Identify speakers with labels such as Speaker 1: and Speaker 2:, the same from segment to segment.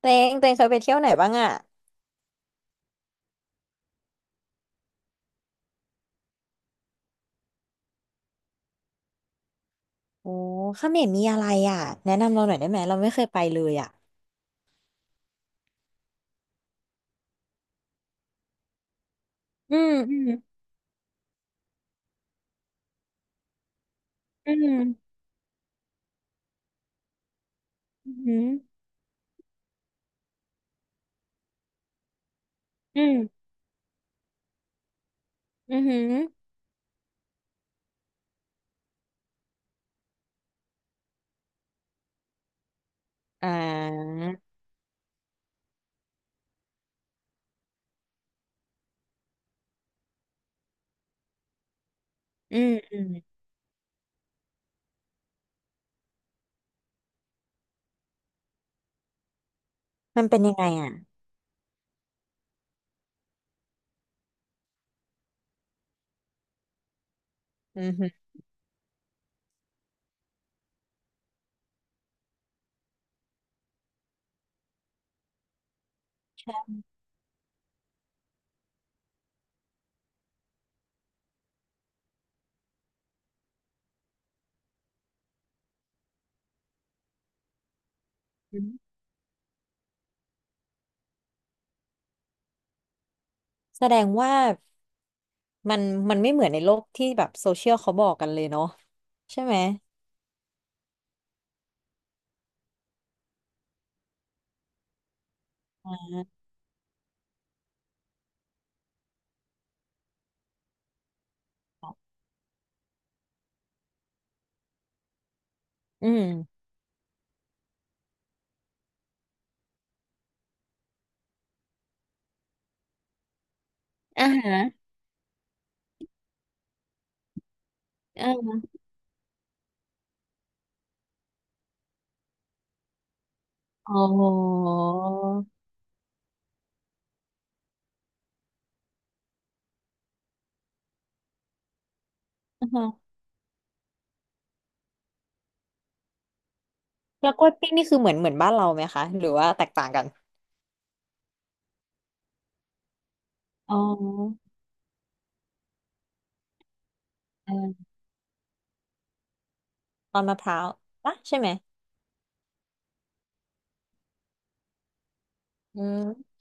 Speaker 1: เตงเตงเคยไปเที่ยวไหนบ้างอ่ะโอ้เขมรมีอะไรอ่ะแนะนำเราหน่อยได้ไหมเราไม่เคยไปเลยอ่ะอืมอืมอืมอืมอืมอืมอมอ่าอืมอืมมันเป็นยังไงอ่ะอืมอืมอืมแสดงว่ามันมันไม่เหมือนในโลกที่แบบโซเชียลเขาบอกกันเลยเนาะใช่ไหมอ่าอืมอ่าฮะอ่าอ๋ออ่าฮะแล้วกล้วยปิ้งนี่คือเหมือนบ้านเราไหมคะหรือว่าแตกต่างกันอ๋อ ตอนมะพร้าวปะใช่ไหมอืม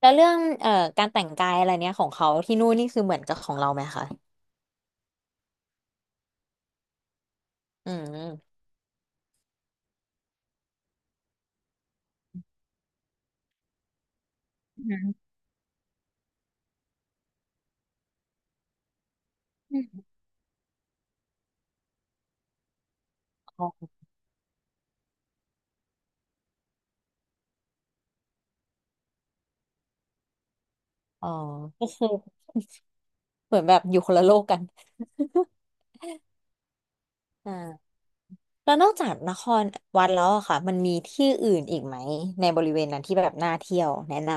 Speaker 1: แล้วเรื่องการแต่งกายอะไรเนี้ยของเขาที่นู่นนี่คือเหมือนกับของเราไหมคะอืมอืมอ๋ออ๋อ ก็คือเหมือนแบบอยู่คนละโลกกันอ่าแล้วนอกจากนครวัดแล้วอะค่ะมันมีที่อื่นอีกไหมในบริเวณนั้นที่แบบน่าเที่ยวแนะน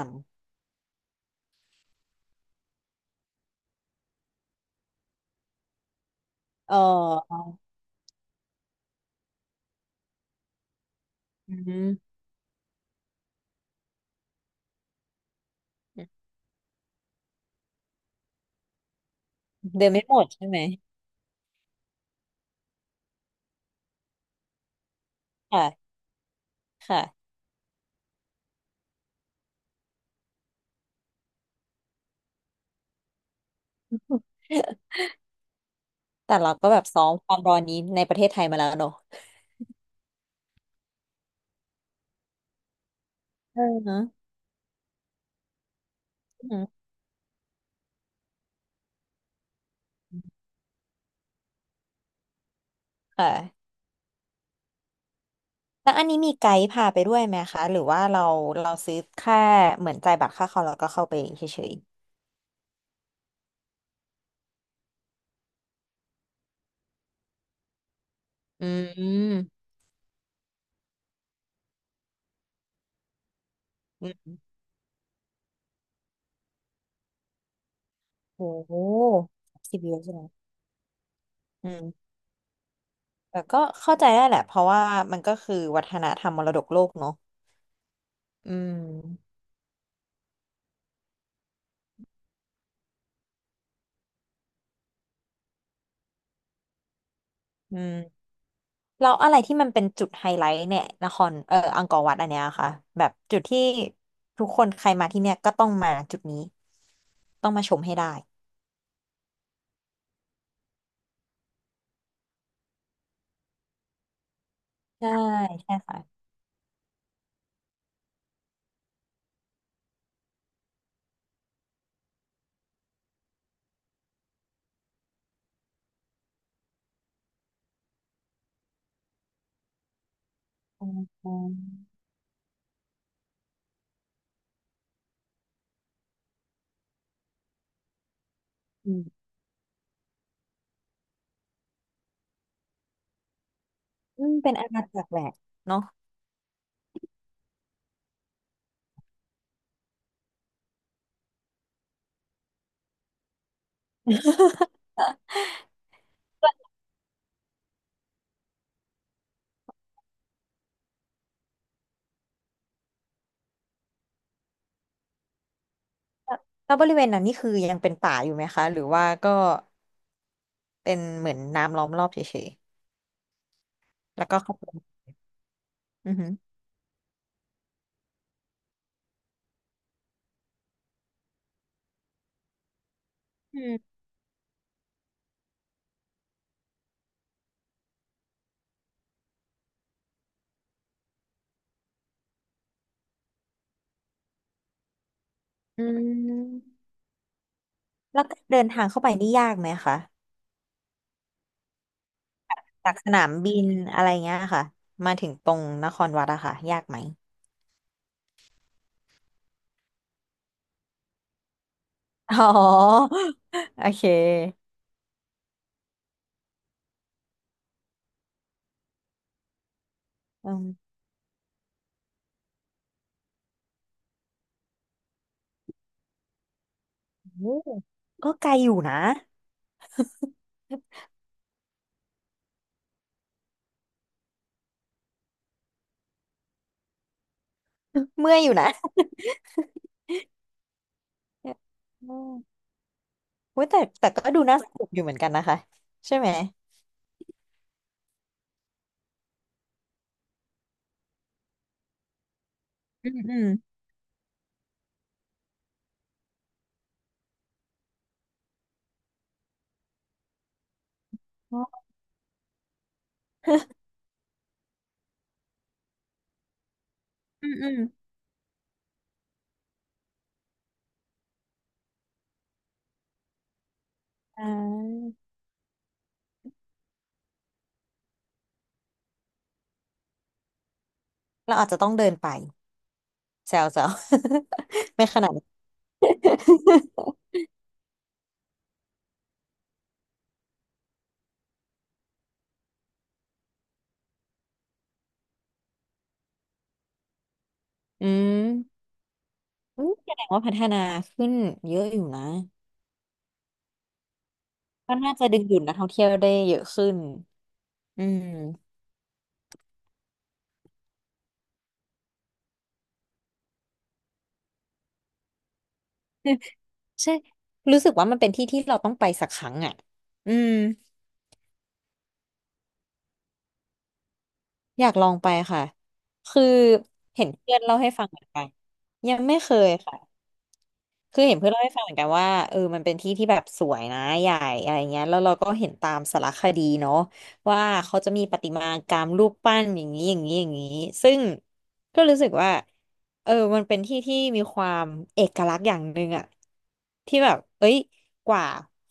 Speaker 1: ำเอออืมเดินไม่หมดใช่ไหมค่ะค่ะ แต่เราก็แบบซ้อมความร้อนนี้ในประเทศไทยมาแล้วเนอะเอออืมค่ะ แล้วอันนี้มีไกด์พาไปด้วยไหมคะหรือว่าเราเราซื้อแค่เหมือนจ่ายบัตรค่าเขาแล้วก็เข้าไปเฉยๆอืมๆอืมโอ้โห10 ยูโรใช่ไหมอืม แต่ก็เข้าใจได้แหละเพราะว่ามันก็คือวัฒนธรรมมรดกโลกเนาะอืม อืมแล้วอะไรที่มันเป็นจุดไฮไลท์เนี่ยนครเอออังกอร์วัดอันเนี้ยค่ะแบบจุดที่ทุกคนใครมาที่เนี่ยก็ต้องมาจุดนี้ต้องมาชมให้ได้ใช่ใช่ค่ะอืม อืมเป็นอาณาจักรแหละเนาะ แล้วบริเวณนั้นนี่คือยังเป็นป่าอยู่ไหมคะหรือว่าก็เป็นเหมือนน้ำล้อมรอบเฉยๆแล้วก็เข้าไปอือหืออืมอืมแล้วการเดินทางเข้าไปนี่ยากไหมคะจากสนามบินอะไรเงี้ยค่ะมาถึงตรงนครวัดอะค่ะยากไหมอ๋อโอเคอืมโอ้ก็ไกลอยู่นะเมื่อยอยู่นะ อืมโอ้ยแต่ก็ดูน่าสนุกอยู่เหมือนกันนะคะใช่ไหมอืมอืม อ๋ออืมอืมอ่าเราอาจจะต้องเดินไปแซวแซว ไม่ขนาดนั้น อืมอืมแสดงว่าพัฒนาขึ้นเยอะอยู่นะก็น่าจะดึงดูดนักท่องเที่ยวได้เยอะขึ้นอืม ใช่รู้สึกว่ามันเป็นที่ที่เราต้องไปสักครั้งอ่ะอืมอยากลองไปค่ะคือเห็นเพื่อนเล่าให้ฟังเหมือนกันยังไม่เคยค่ะ คือเห็นเพื่อนเล่าให้ฟังเหมือนกันว่าเออมันเป็นที่ที่แบบสวยนะใหญ่อะไรเงี้ยแล้วเราก็เห็นตามสารคดีเนาะว่าเขาจะมีประติมากรรมรูปปั้นอย่างนี้อย่างนี้อย่างนี้ซึ่งก็รู้สึกว่าเออมันเป็นที่ที่มีความเอกลักษณ์อย่างหนึ่งอะที่แบบเอ้ยกว่า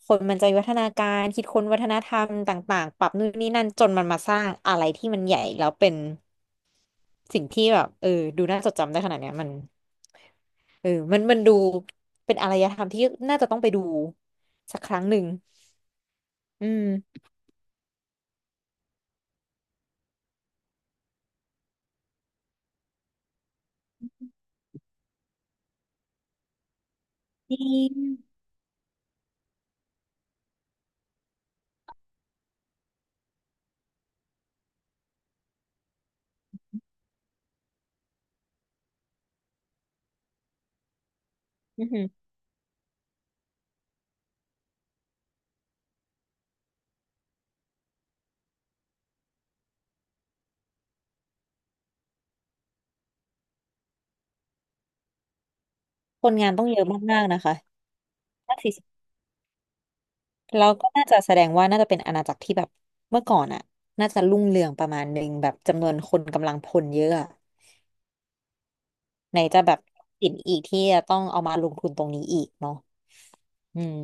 Speaker 1: คนมันจะวิวัฒนาการคิดค้นวัฒนธรรมต่างๆปรับนู่นนี่นั่นจนมันมาสร้างอะไรที่มันใหญ่แล้วเป็นสิ่งที่แบบเออดูน่าจดจำได้ขนาดเนี้ยมัน เออมันดูเป็นอารยธรรมที่น่าจะต้องไปดูสักครั้งหนึ่งอืมจริงอือหือคนงานต้องเยอะมากๆนะคะน่าสิแล้วก็น่าจะแสดงว่าน่าจะเป็นอาณาจักรที่แบบเมื่อก่อนอ่ะน่าจะรุ่งเรืองประมาณหนึ่งแบบจำนวนคนกำลังพลเยอะอะไหนจะแบบสินอีกที่จะต้องเอามาลงทุนตรงนี้อีกเนาะอืม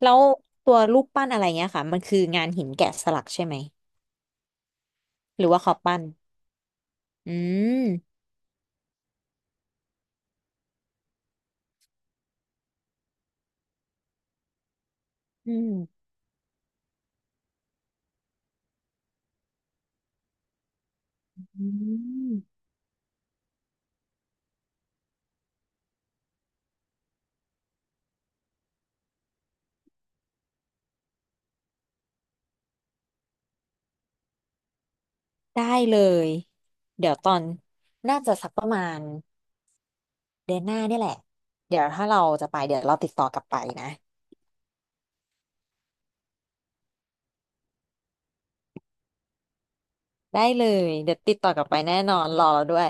Speaker 1: แล้วตัวรูปปั้นอะไรเงี้ยค่ะมันคืองานหินแกะสลักใช่ไหมหรือว่าเขาปั้นอืมอืมอืม ได้เลยเดี๋ยวตอนน่าจะสักประมาณเดือนหน้าเนี่ยแหละเดี๋ยวถ้าเราจะไปเดี๋ยวเราติดต่อกลับไปนะได้เลยเดี๋ยวติดต่อกลับไปแน่นอนรอเราด้วย